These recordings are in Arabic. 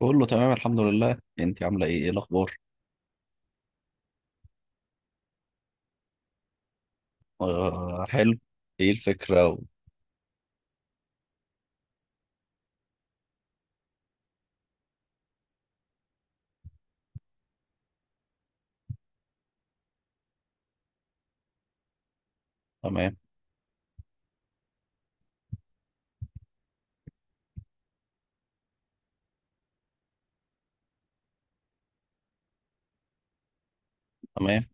بقول له تمام الحمد لله. انت عامله ايه، ايه الاخبار؟ آه حلو. ايه الفكره تمام. تمام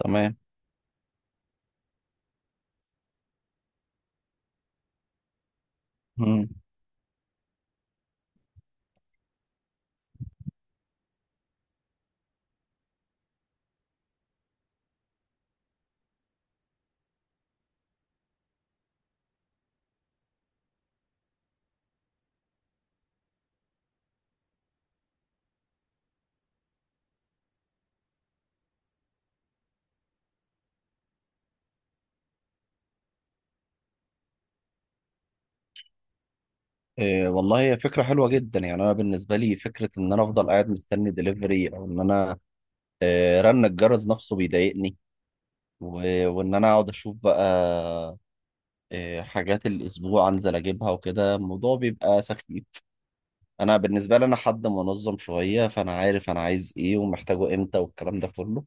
تمام. مم. إيه والله هي فكره حلوه جدا. يعني انا بالنسبه لي فكره ان انا افضل قاعد مستني دليفري او ان انا رن الجرس نفسه بيضايقني و... وان انا اقعد اشوف بقى حاجات الاسبوع انزل اجيبها وكده الموضوع بيبقى سخيف. انا بالنسبه لي انا حد منظم شويه، فانا عارف انا عايز ايه ومحتاجه امتى والكلام ده كله.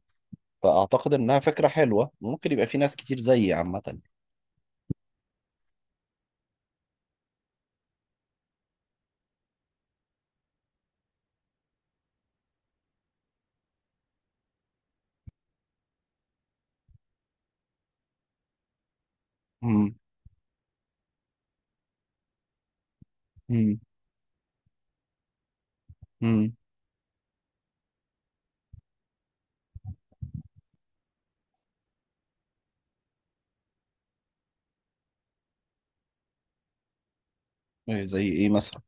فأعتقد إنها فكرة حلوة، ممكن يبقى في ناس كتير زيي عامة. مم. مم. مم. إيه زي إيه مثلا؟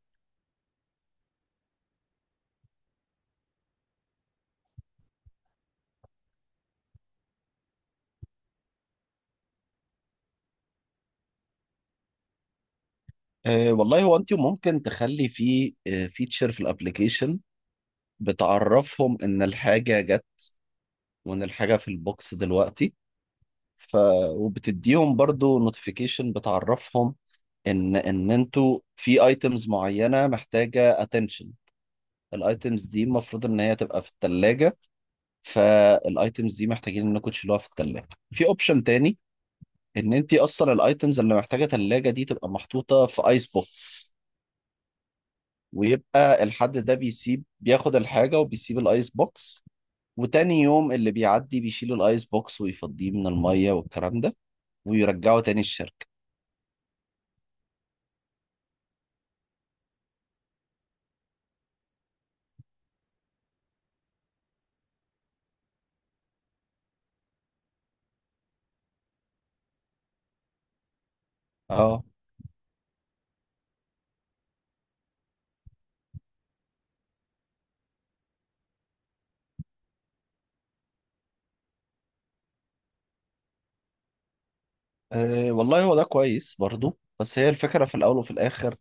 أه والله هو أنت ممكن تخلي في فيتشر في الأبليكيشن بتعرفهم إن الحاجة جت، وإن الحاجة في البوكس دلوقتي. ف وبتديهم برضو نوتيفيكيشن بتعرفهم إن أنتوا في أيتمز معينة محتاجة attention. الأيتمز دي المفروض إن هي تبقى في التلاجة، فالأيتمز دي محتاجين إنكم تشيلوها في التلاجة. في أوبشن تاني، ان انت اصلا الايتمز اللي محتاجه ثلاجه دي تبقى محطوطه في ايس بوكس، ويبقى الحد ده بيسيب، بياخد الحاجه وبيسيب الايس بوكس. وتاني يوم اللي بيعدي بيشيل الايس بوكس ويفضيه من الميه والكلام ده، ويرجعه تاني الشركه. اه. آه، والله هو ده كويس برضو. بس هي الفكره في الاول وفي الاخر،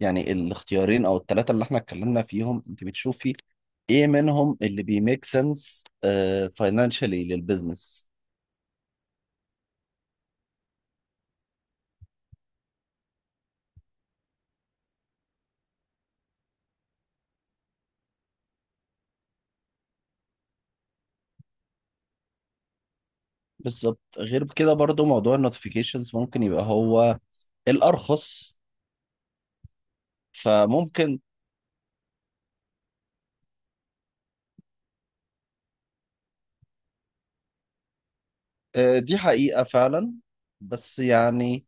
يعني الاختيارين او الثلاثه اللي احنا اتكلمنا فيهم، انت بتشوفي ايه منهم اللي بيميك سنس فاينانشالي للبزنس. بالظبط، غير كده برضو موضوع النوتيفيكيشنز ممكن يبقى هو الأرخص. فممكن. آه، دي حقيقة فعلا. بس يعني،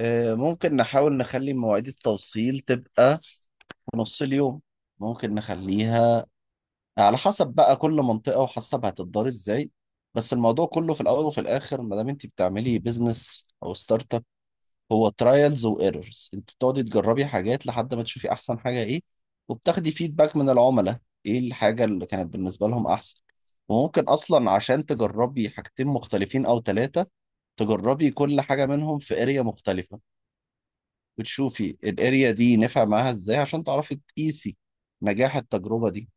آه، ممكن نحاول نخلي مواعيد التوصيل تبقى في نص اليوم. ممكن نخليها على حسب بقى كل منطقة، وحسب هتدار ازاي. بس الموضوع كله في الأول وفي الآخر، ما دام انت بتعملي بيزنس أو ستارت، هو ترايلز وايرورز. انت بتقعدي تجربي حاجات لحد ما تشوفي احسن حاجه ايه، وبتاخدي فيدباك من العملاء ايه الحاجه اللي كانت بالنسبه لهم احسن. وممكن اصلا عشان تجربي حاجتين مختلفين او ثلاثه، تجربي كل حاجه منهم في اريا مختلفه، وتشوفي الاريا دي نفع معاها ازاي عشان تعرفي تقيسي نجاح التجربه دي.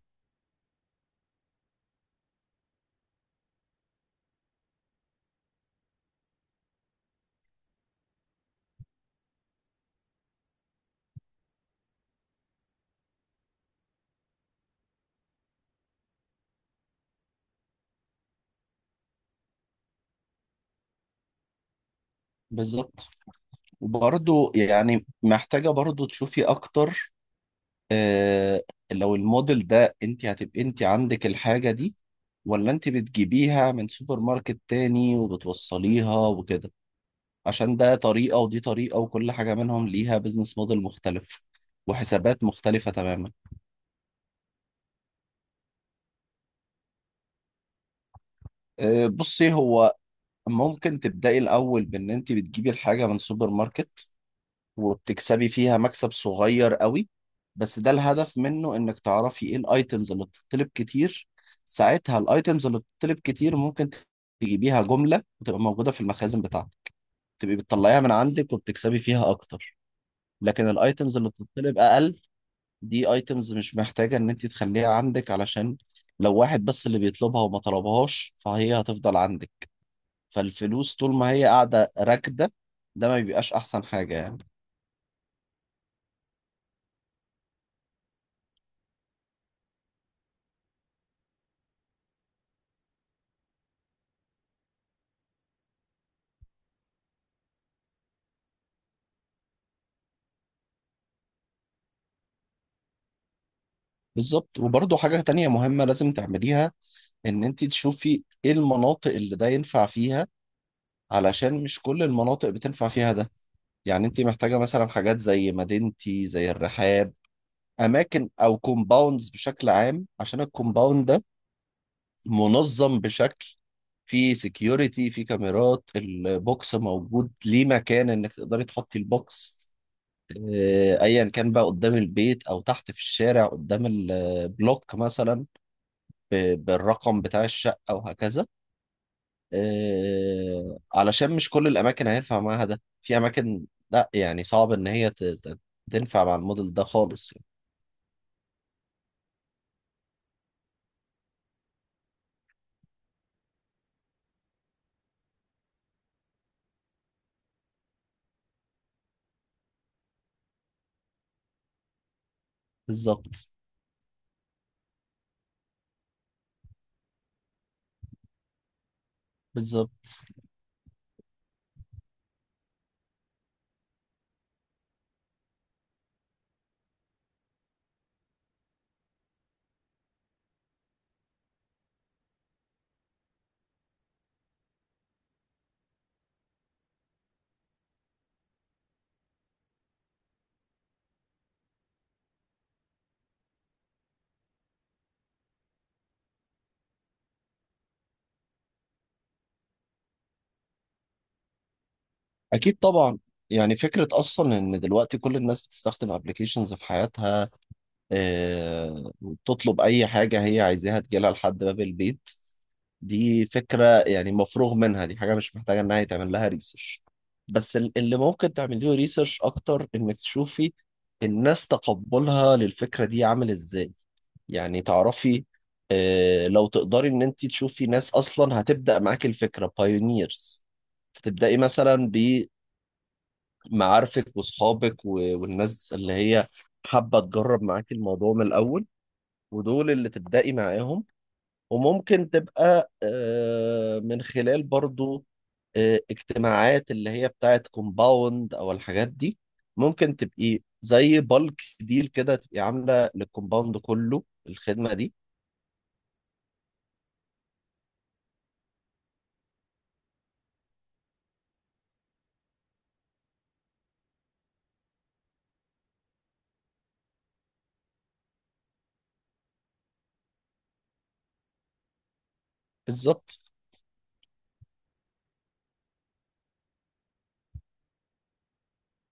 بالظبط. وبرضه يعني محتاجه برضه تشوفي اكتر، آه، لو الموديل ده انت هتبقى انت عندك الحاجة دي، ولا انت بتجيبيها من سوبر ماركت تاني وبتوصليها وكده. عشان ده طريقة ودي طريقة، وكل حاجة منهم ليها بزنس موديل مختلف وحسابات مختلفة تماما. آه بصي، هو ممكن تبدأي الأول بإن انت بتجيبي الحاجة من سوبر ماركت، وبتكسبي فيها مكسب صغير قوي. بس ده الهدف منه انك تعرفي ايه الايتمز اللي بتطلب كتير. ساعتها الايتمز اللي بتطلب كتير ممكن تجيبيها جملة، وتبقى موجودة في المخازن بتاعتك، تبقي بتطلعيها من عندك وبتكسبي فيها اكتر. لكن الايتمز اللي بتطلب اقل، دي ايتمز مش محتاجة ان انت تخليها عندك، علشان لو واحد بس اللي بيطلبها وما طلبهاش، فهي هتفضل عندك. فالفلوس طول ما هي قاعدة راكدة، ده ما بيبقاش احسن حاجة يعني. بالظبط. وبرضه حاجة تانية مهمة لازم تعمليها، ان انت تشوفي ايه المناطق اللي ده ينفع فيها، علشان مش كل المناطق بتنفع فيها ده. يعني انت محتاجة مثلا حاجات زي مدينتي زي الرحاب، اماكن او كومباوندز بشكل عام. عشان الكومباوند ده منظم بشكل، في سكيورتي، في كاميرات، البوكس موجود ليه مكان انك تقدري تحطي البوكس، آه، ايا كان بقى قدام البيت او تحت في الشارع قدام البلوك مثلا، بالرقم بتاع الشقة وهكذا. آه، علشان مش كل الأماكن هينفع معاها ده. في أماكن لا، يعني صعب إن هي تنفع مع الموديل ده خالص يعني. بالظبط. بالظبط. أكيد طبعا. يعني فكرة أصلا إن دلوقتي كل الناس بتستخدم أبلكيشنز في حياتها، آه، وبتطلب أي حاجة هي عايزاها تجيلها لحد باب البيت، دي فكرة يعني مفروغ منها. دي حاجة مش محتاجة إنها يتعمل لها ريسيرش. بس اللي ممكن تعملي له ريسيرش أكتر، إنك تشوفي الناس تقبلها للفكرة دي عامل إزاي. يعني تعرفي، آه، لو تقدري إن أنت تشوفي ناس أصلا هتبدأ معاكي الفكرة بايونيرز، فتبدأي مثلا بمعارفك وأصحابك والناس اللي هي حابة تجرب معاكي الموضوع من الأول، ودول اللي تبدأي معاهم. وممكن تبقى آه، من خلال برضو، آه، اجتماعات اللي هي بتاعت كومباوند او الحاجات دي. ممكن تبقي زي بالك ديل كده تبقي عامله للكومباوند كله الخدمه دي. بالظبط.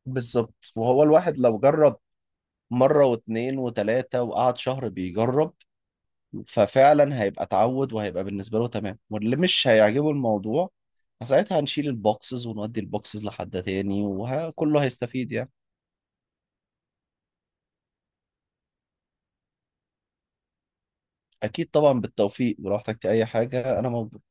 بالظبط. وهو الواحد لو جرب مره واتنين وتلاته وقعد شهر بيجرب، ففعلا هيبقى اتعود وهيبقى بالنسبه له تمام. واللي مش هيعجبه الموضوع ساعتها هنشيل البوكسز ونودي البوكسز لحد تاني، وكله هيستفيد يعني. اكيد طبعا، بالتوفيق. ولو احتجت اي حاجه انا موجود.